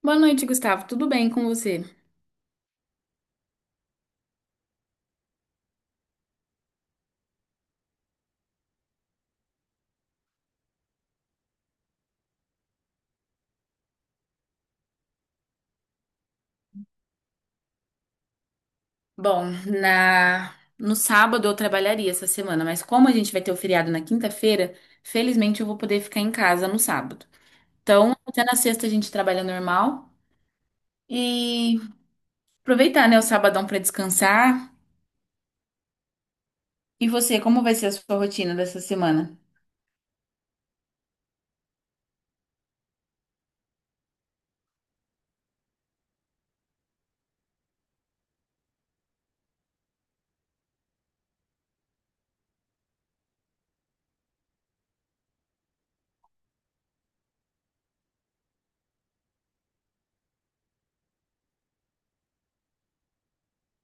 Boa noite, Gustavo. Tudo bem com você? Bom, na no sábado eu trabalharia essa semana, mas como a gente vai ter o feriado na quinta-feira, felizmente eu vou poder ficar em casa no sábado. Então, até na sexta a gente trabalha normal e aproveitar, né, o sabadão para descansar. E você, como vai ser a sua rotina dessa semana?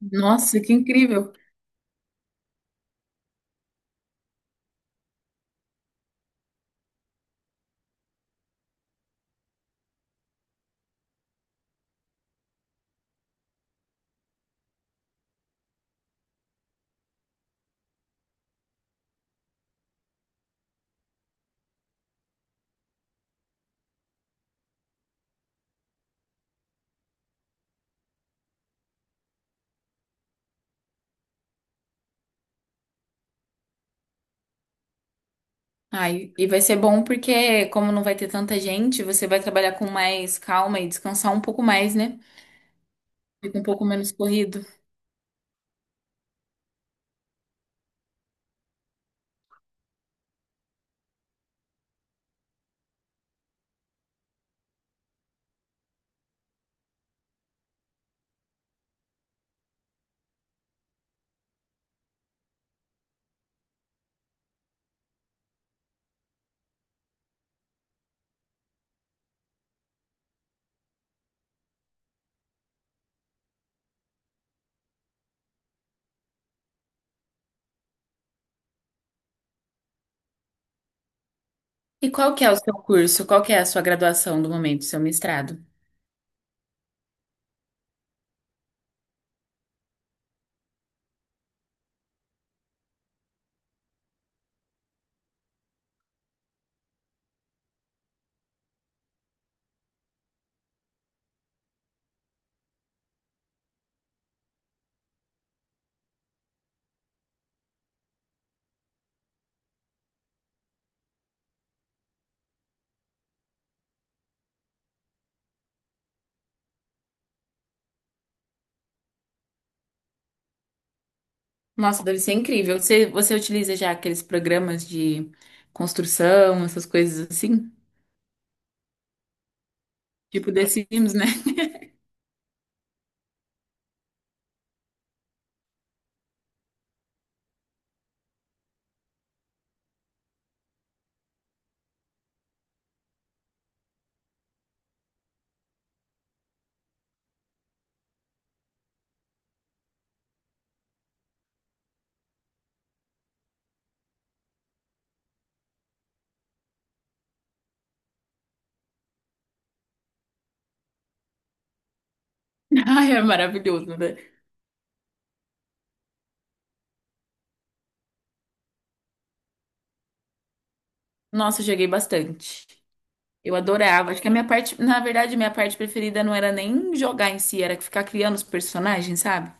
Nossa, que incrível! Ai, e vai ser bom porque, como não vai ter tanta gente, você vai trabalhar com mais calma e descansar um pouco mais, né? Fica um pouco menos corrido. E qual que é o seu curso? Qual que é a sua graduação do momento, seu mestrado? Nossa, deve ser incrível. Você utiliza já aqueles programas de construção, essas coisas assim? Tipo The Sims, né? Ai, é maravilhoso, né? Nossa, eu joguei bastante. Eu adorava. Acho que a minha parte, na verdade, minha parte preferida não era nem jogar em si, era ficar criando os personagens, sabe?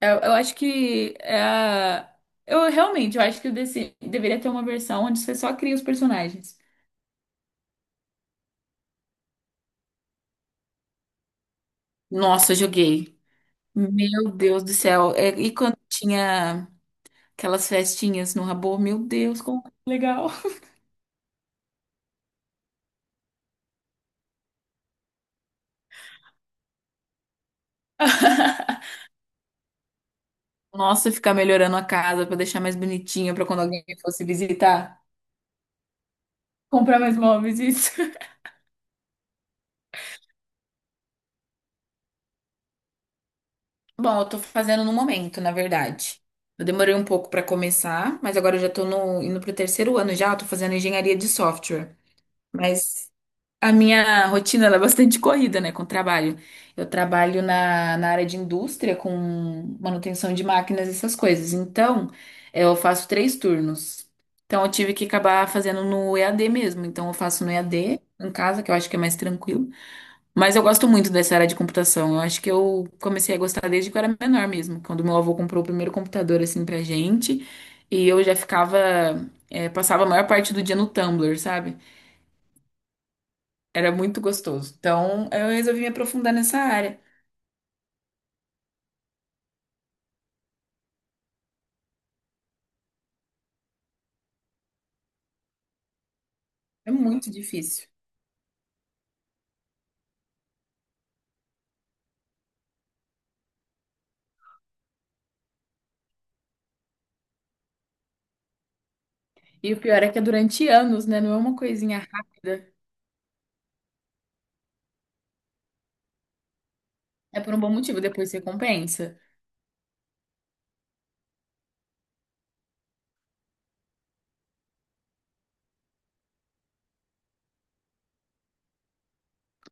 Eu, eu acho que é a- eu realmente, eu acho que o The Sims deveria ter uma versão onde você só cria os personagens. Nossa, eu joguei. Meu Deus do céu. É, e quando tinha aquelas festinhas no Rabô, meu Deus, como que é legal. Nossa, ficar melhorando a casa pra deixar mais bonitinha pra quando alguém fosse visitar. Comprar mais móveis, isso. Bom, eu tô fazendo no momento, na verdade. Eu demorei um pouco pra começar, mas agora eu já tô no, indo pro terceiro ano já, eu tô fazendo engenharia de software. Mas a minha rotina ela é bastante corrida, né, com o trabalho. Eu trabalho na, na área de indústria com manutenção de máquinas e essas coisas. Então, eu faço três turnos. Então, eu tive que acabar fazendo no EAD mesmo. Então, eu faço no EAD em casa, que eu acho que é mais tranquilo. Mas eu gosto muito dessa área de computação. Eu acho que eu comecei a gostar desde que eu era menor mesmo, quando meu avô comprou o primeiro computador assim pra gente. E eu já ficava, passava a maior parte do dia no Tumblr, sabe? Era muito gostoso. Então, eu resolvi me aprofundar nessa área. É muito difícil. E o pior é que é durante anos, né? Não é uma coisinha rápida. É por um bom motivo, depois você compensa.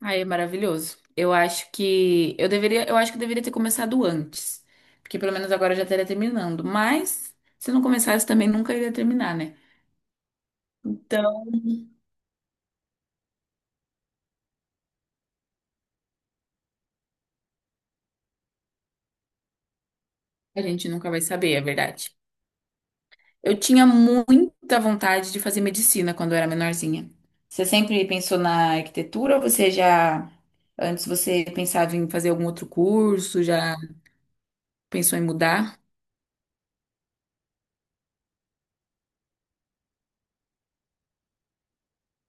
Aí é maravilhoso. Eu acho que eu deveria, eu acho que eu deveria ter começado antes, porque pelo menos agora eu já estaria terminando. Mas se não começasse também nunca iria terminar, né? Então, a gente nunca vai saber, é verdade. Eu tinha muita vontade de fazer medicina quando eu era menorzinha. Você sempre pensou na arquitetura ou você já, antes você pensava em fazer algum outro curso, já pensou em mudar?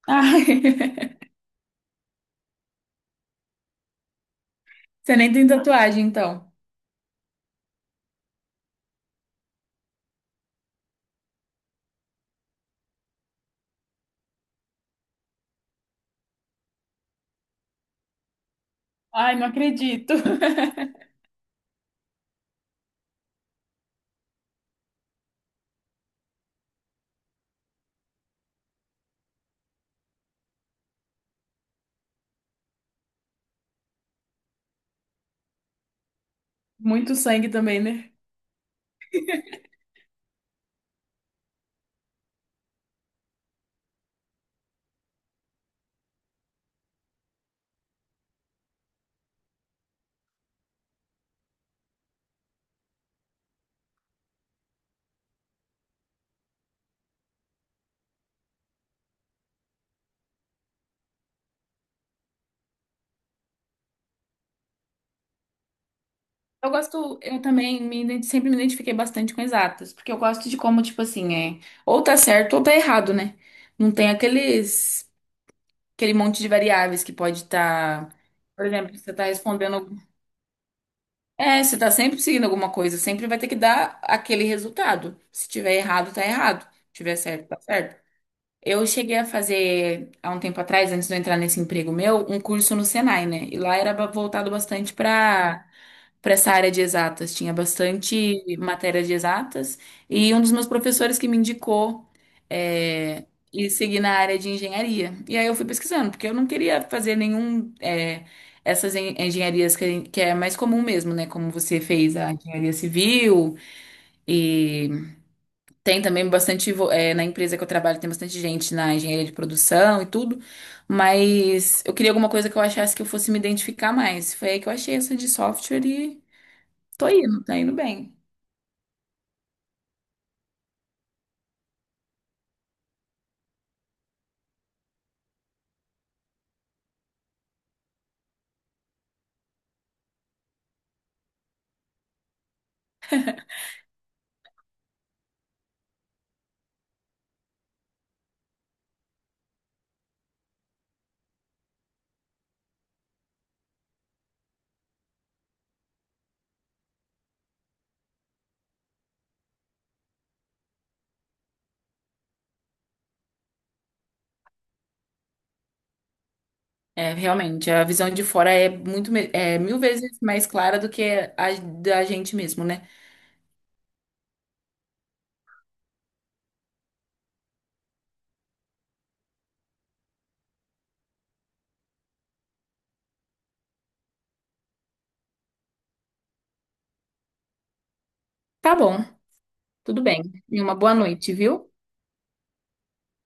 Ai, você nem tem tatuagem, então. Ai, não acredito. Muito sangue também, né? Eu gosto, eu também me ident- sempre me identifiquei bastante com exatas, porque eu gosto de como, tipo assim, é, ou tá certo ou tá errado, né? Não tem aquele monte de variáveis que pode estar. Por exemplo, você está respondendo. É, você está sempre seguindo alguma coisa, sempre vai ter que dar aquele resultado. Se tiver errado, tá errado. Se tiver certo, tá certo. Eu cheguei a fazer, há um tempo atrás, antes de eu entrar nesse emprego meu, um curso no Senai, né? E lá era voltado bastante para essa área de exatas. Tinha bastante matéria de exatas. E um dos meus professores que me indicou é, ir seguir na área de engenharia. E aí eu fui pesquisando, porque eu não queria fazer nenhum. Essas engenharias que é mais comum mesmo, né? Como você fez a engenharia civil. E tem também bastante. Na empresa que eu trabalho, tem bastante gente na engenharia de produção e tudo. Mas eu queria alguma coisa que eu achasse que eu fosse me identificar mais. Foi aí que eu achei essa de software. Tô indo, tá indo bem. É, realmente, a visão de fora é é 1000 vezes mais clara do que a da gente mesmo, né? Tá bom, tudo bem. E uma boa noite, viu?